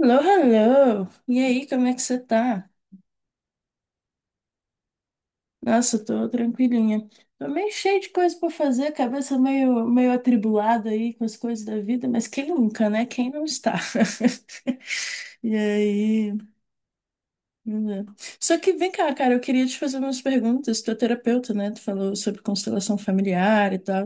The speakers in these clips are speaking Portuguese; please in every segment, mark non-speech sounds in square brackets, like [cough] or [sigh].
Alô, alô! E aí, como é que você tá? Nossa, eu tô tranquilinha. Tô meio cheio de coisa pra fazer, cabeça meio atribulada aí com as coisas da vida, mas quem nunca, né? Quem não está? [laughs] E aí. Né? Só que vem cá, cara, eu queria te fazer umas perguntas. Tu é terapeuta, né? Tu falou sobre constelação familiar e tal.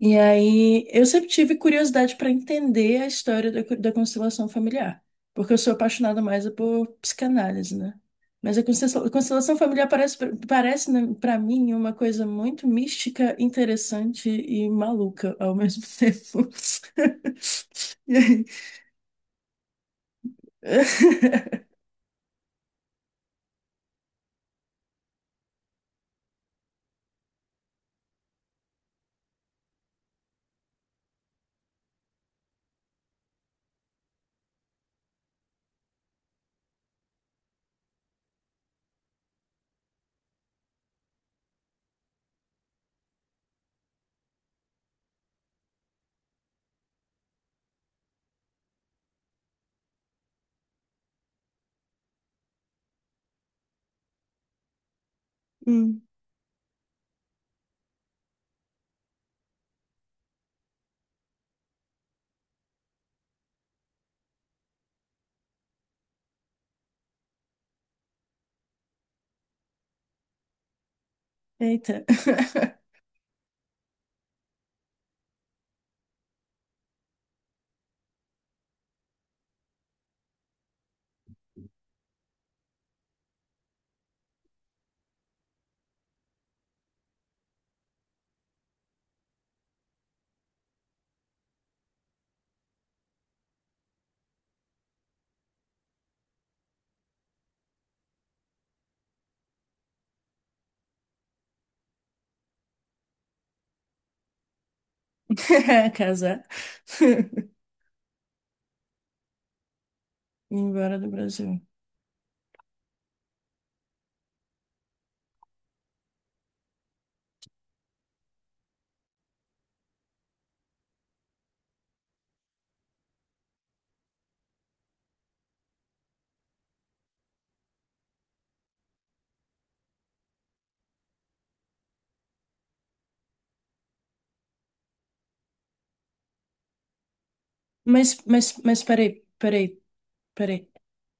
E aí, eu sempre tive curiosidade para entender a história da constelação familiar, porque eu sou apaixonada mais por psicanálise, né? Mas a constelação familiar parece para mim uma coisa muito mística, interessante e maluca ao mesmo [laughs] tempo. [laughs] E aí- Hum. Eita. [laughs] Casar. [laughs] Ir embora do Brasil. Mas, peraí, peraí, peraí.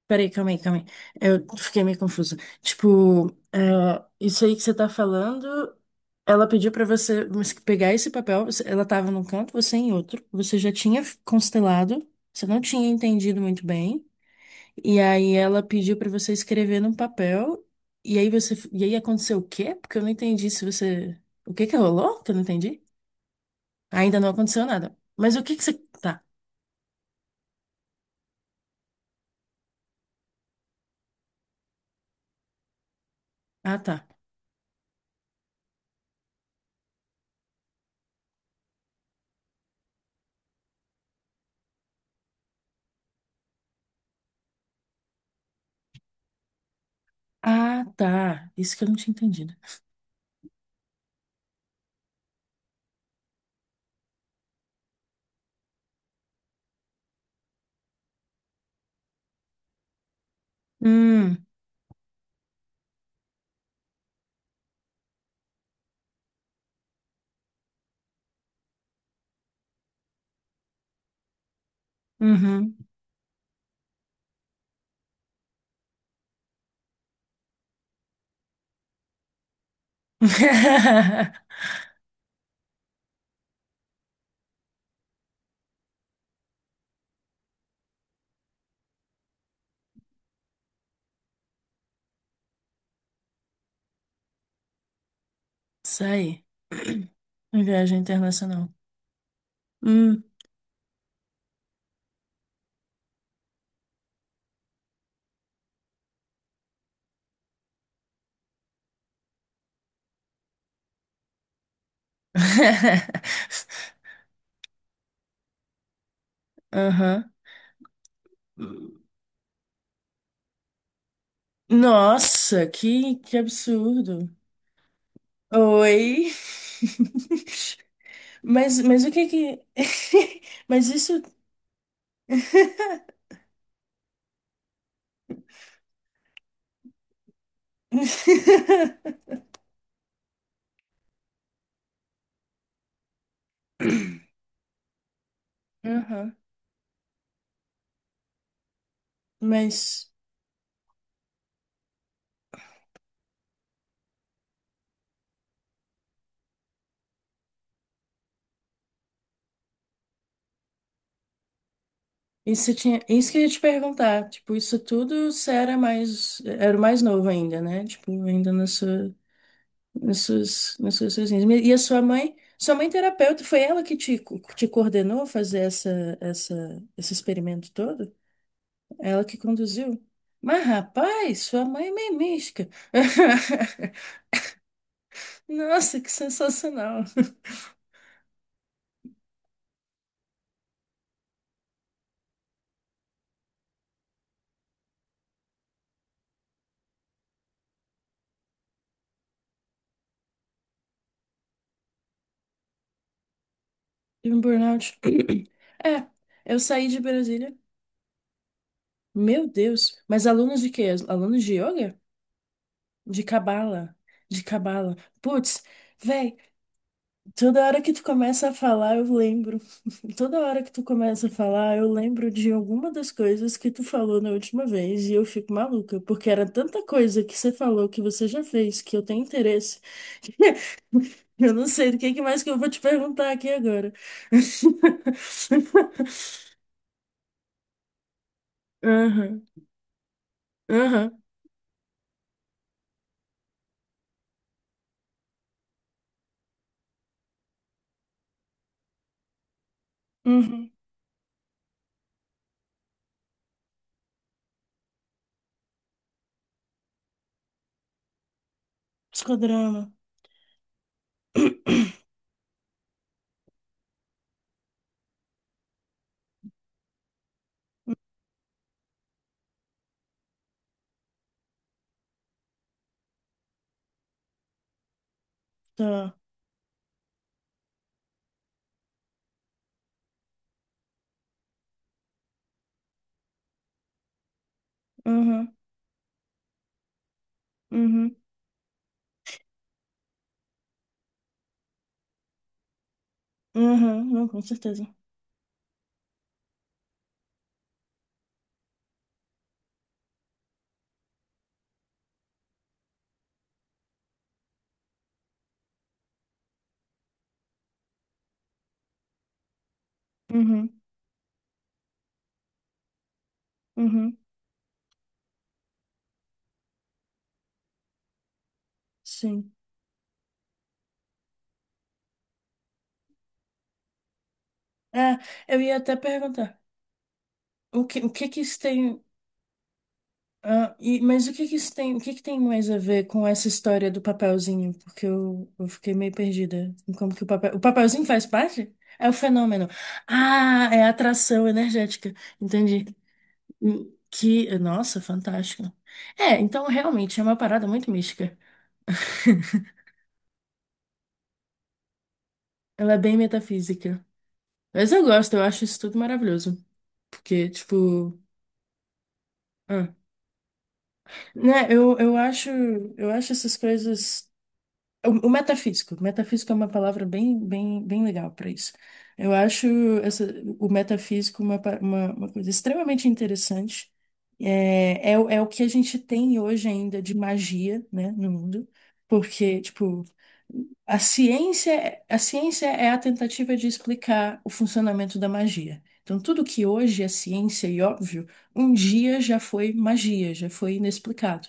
Peraí, calma aí, calma aí. Eu fiquei meio confusa. Tipo, é, isso aí que você tá falando, ela pediu pra você mas que pegar esse papel, ela tava num canto, você em outro, você já tinha constelado, você não tinha entendido muito bem, e aí ela pediu pra você escrever num papel, e aí você, e aí aconteceu o quê? Porque eu não entendi se você, o que que rolou? Que eu não entendi. Ainda não aconteceu nada. Mas o que que você, tá. Ah, tá. Ah, tá. Isso que eu não tinha entendido. Hum, uhum. [laughs] Isso aí. Viagem internacional. Hum. [laughs] Aham. Nossa, que absurdo. Oi. [laughs] Mas o que que. [laughs] Mas isso. [laughs] Aham. Mas isso tinha. Isso que eu ia te perguntar. Tipo, isso tudo você era mais. Era o mais novo ainda, né? Tipo, ainda na sua. Nas suas sessões. E a sua mãe terapeuta, foi ela que te coordenou a fazer esse experimento todo? Ela que conduziu? Mas, rapaz, sua mãe é meio mística. [laughs] Nossa, que sensacional. Tive um burnout. [clears throat] É, eu saí de Brasília. Meu Deus. Mas alunos de quê? Alunos de yoga? De cabala. De cabala. Putz, velho. Toda hora que tu começa a falar, eu lembro. [laughs] Toda hora que tu começa a falar, eu lembro de alguma das coisas que tu falou na última vez e eu fico maluca, porque era tanta coisa que você falou que você já fez que eu tenho interesse. [laughs] Eu não sei do que mais que eu vou te perguntar aqui agora. [laughs] Aham, aham, uhum. Psicodrama. [clears throat] Tá. Uhum, uhum, uhum. Não, com certeza. Uhum, uhum. Sim. É, eu ia até perguntar. O que que isso tem. Ah, mas o que que isso tem, o que que tem mais a ver com essa história do papelzinho? Porque eu fiquei meio perdida em como que o papel, o papelzinho faz parte? É o fenômeno. Ah, é a atração energética. Entendi. Hum. Que, nossa, fantástico! É, então realmente é uma parada muito mística. Ela é bem metafísica. Mas eu gosto, eu acho isso tudo maravilhoso. Porque, tipo. Ah. Né, eu acho essas coisas. O metafísico. Metafísico é uma palavra bem, bem, bem legal para isso. Eu acho essa- o metafísico uma coisa extremamente interessante. É o que a gente tem hoje ainda de magia, né, no mundo. Porque, tipo, a ciência é a tentativa de explicar o funcionamento da magia. Então, tudo que hoje é ciência e óbvio, um dia já foi magia, já foi inexplicado.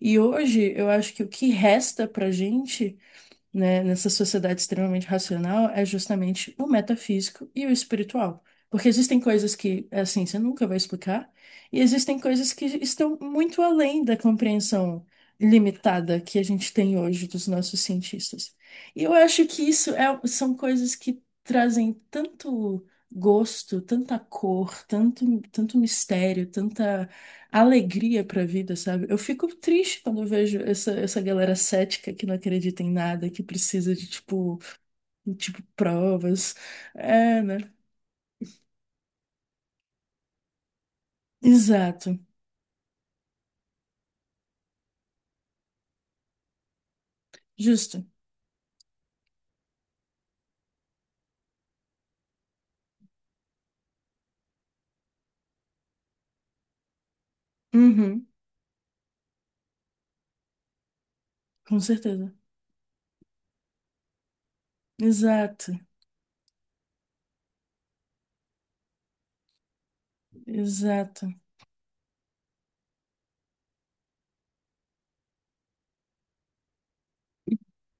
E hoje, eu acho que o que resta pra gente, né, nessa sociedade extremamente racional é justamente o metafísico e o espiritual. Porque existem coisas que a ciência nunca vai explicar, e existem coisas que estão muito além da compreensão limitada que a gente tem hoje dos nossos cientistas. E eu acho que isso são coisas que trazem tanto gosto, tanta cor, tanto, tanto mistério, alegria para a vida, sabe? Eu fico triste quando eu vejo essa, essa galera cética que não acredita em nada, que precisa de tipo provas. É, né? Exato. Justo. Uhum. Com certeza. Exato. Exato.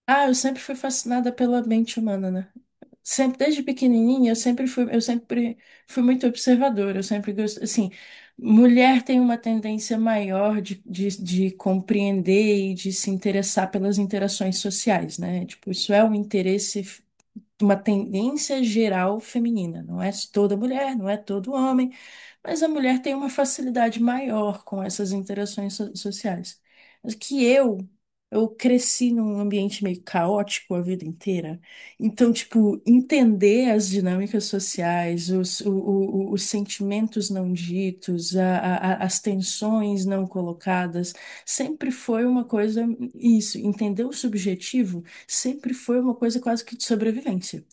Ah, eu sempre fui fascinada pela mente humana, né? Sempre, desde pequenininha, eu sempre fui muito observadora, eu sempre gosto, assim, mulher tem uma tendência maior de compreender e de se interessar pelas interações sociais, né? Tipo, isso é um interesse, uma tendência geral feminina, não é toda mulher, não é todo homem, mas a mulher tem uma facilidade maior com essas interações sociais. Mas que eu cresci num ambiente meio caótico a vida inteira. Então, tipo, entender as dinâmicas sociais, os, o- os sentimentos não ditos, as tensões não colocadas, sempre foi uma coisa, isso, entender o subjetivo sempre foi uma coisa quase que de sobrevivência.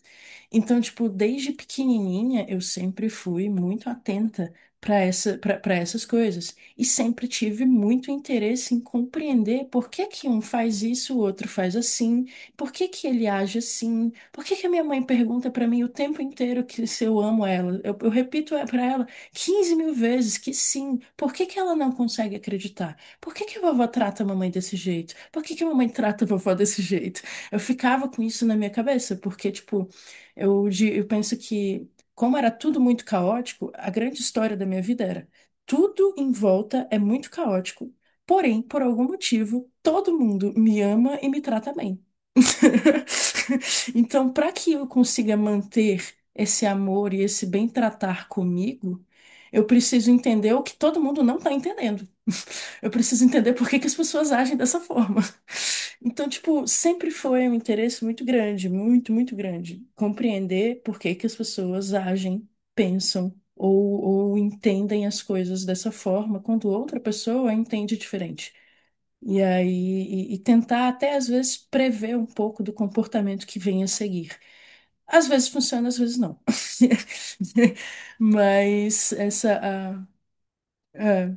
Então, tipo, desde pequenininha eu sempre fui muito atenta para essa, para essas coisas e sempre tive muito interesse em compreender por que que um faz isso, o outro faz assim, por que que ele age assim, por que que a minha mãe pergunta para mim o tempo inteiro que se eu amo ela. Eu repito para ela 15 mil vezes que sim, por que que ela não consegue acreditar? Por que que a vovó trata a mamãe desse jeito? Por que que a mamãe trata a vovó [laughs] desse jeito? Eu ficava com isso na minha cabeça, porque, tipo, eu penso que, como era tudo muito caótico, a grande história da minha vida era tudo em volta é muito caótico, porém, por algum motivo, todo mundo me ama e me trata bem. [laughs] Então, para que eu consiga manter esse amor e esse bem tratar comigo, eu preciso entender o que todo mundo não está entendendo. [laughs] Eu preciso entender por que que as pessoas agem dessa forma. Então, tipo, sempre foi um interesse muito grande, muito, muito grande, compreender por que que as pessoas agem, pensam ou entendem as coisas dessa forma quando outra pessoa entende diferente. E aí, e tentar até às vezes prever um pouco do comportamento que vem a seguir. Às vezes funciona, às vezes não. [laughs] Mas ah,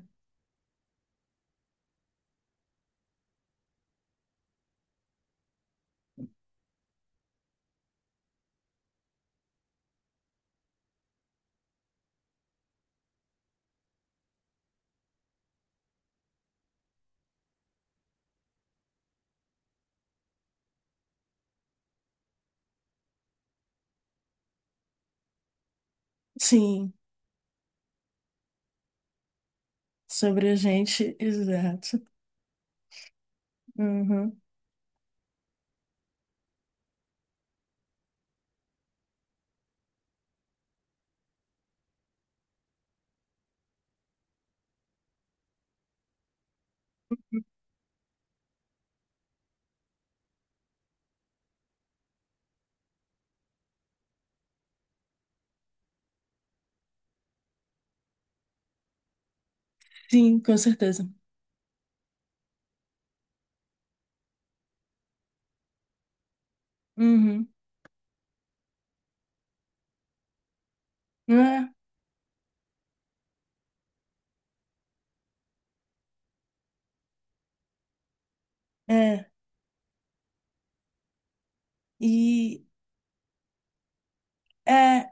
sim, sobre a gente, exato. Uhum. Sim, com certeza. Uhum. É, é. E é,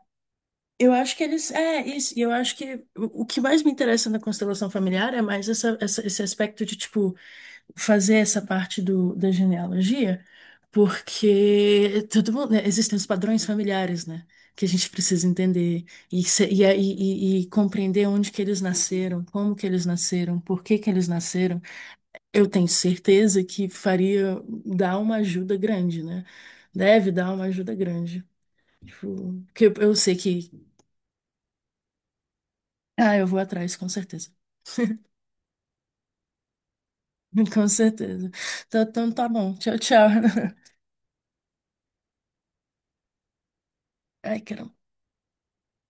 eu acho que eles. É, isso. E eu acho que o que mais me interessa na constelação familiar é mais esse aspecto de, tipo, fazer essa parte da genealogia, porque todo mundo, né, existem os padrões familiares, né? Que a gente precisa entender e compreender onde que eles nasceram, como que eles nasceram, por que que eles nasceram. Eu tenho certeza que faria dar uma ajuda grande, né? Deve dar uma ajuda grande. Tipo, que eu sei que. Ah, eu vou atrás, com certeza. [laughs] Com certeza. Então, então tá bom. Tchau, tchau. [laughs] Ai, caramba.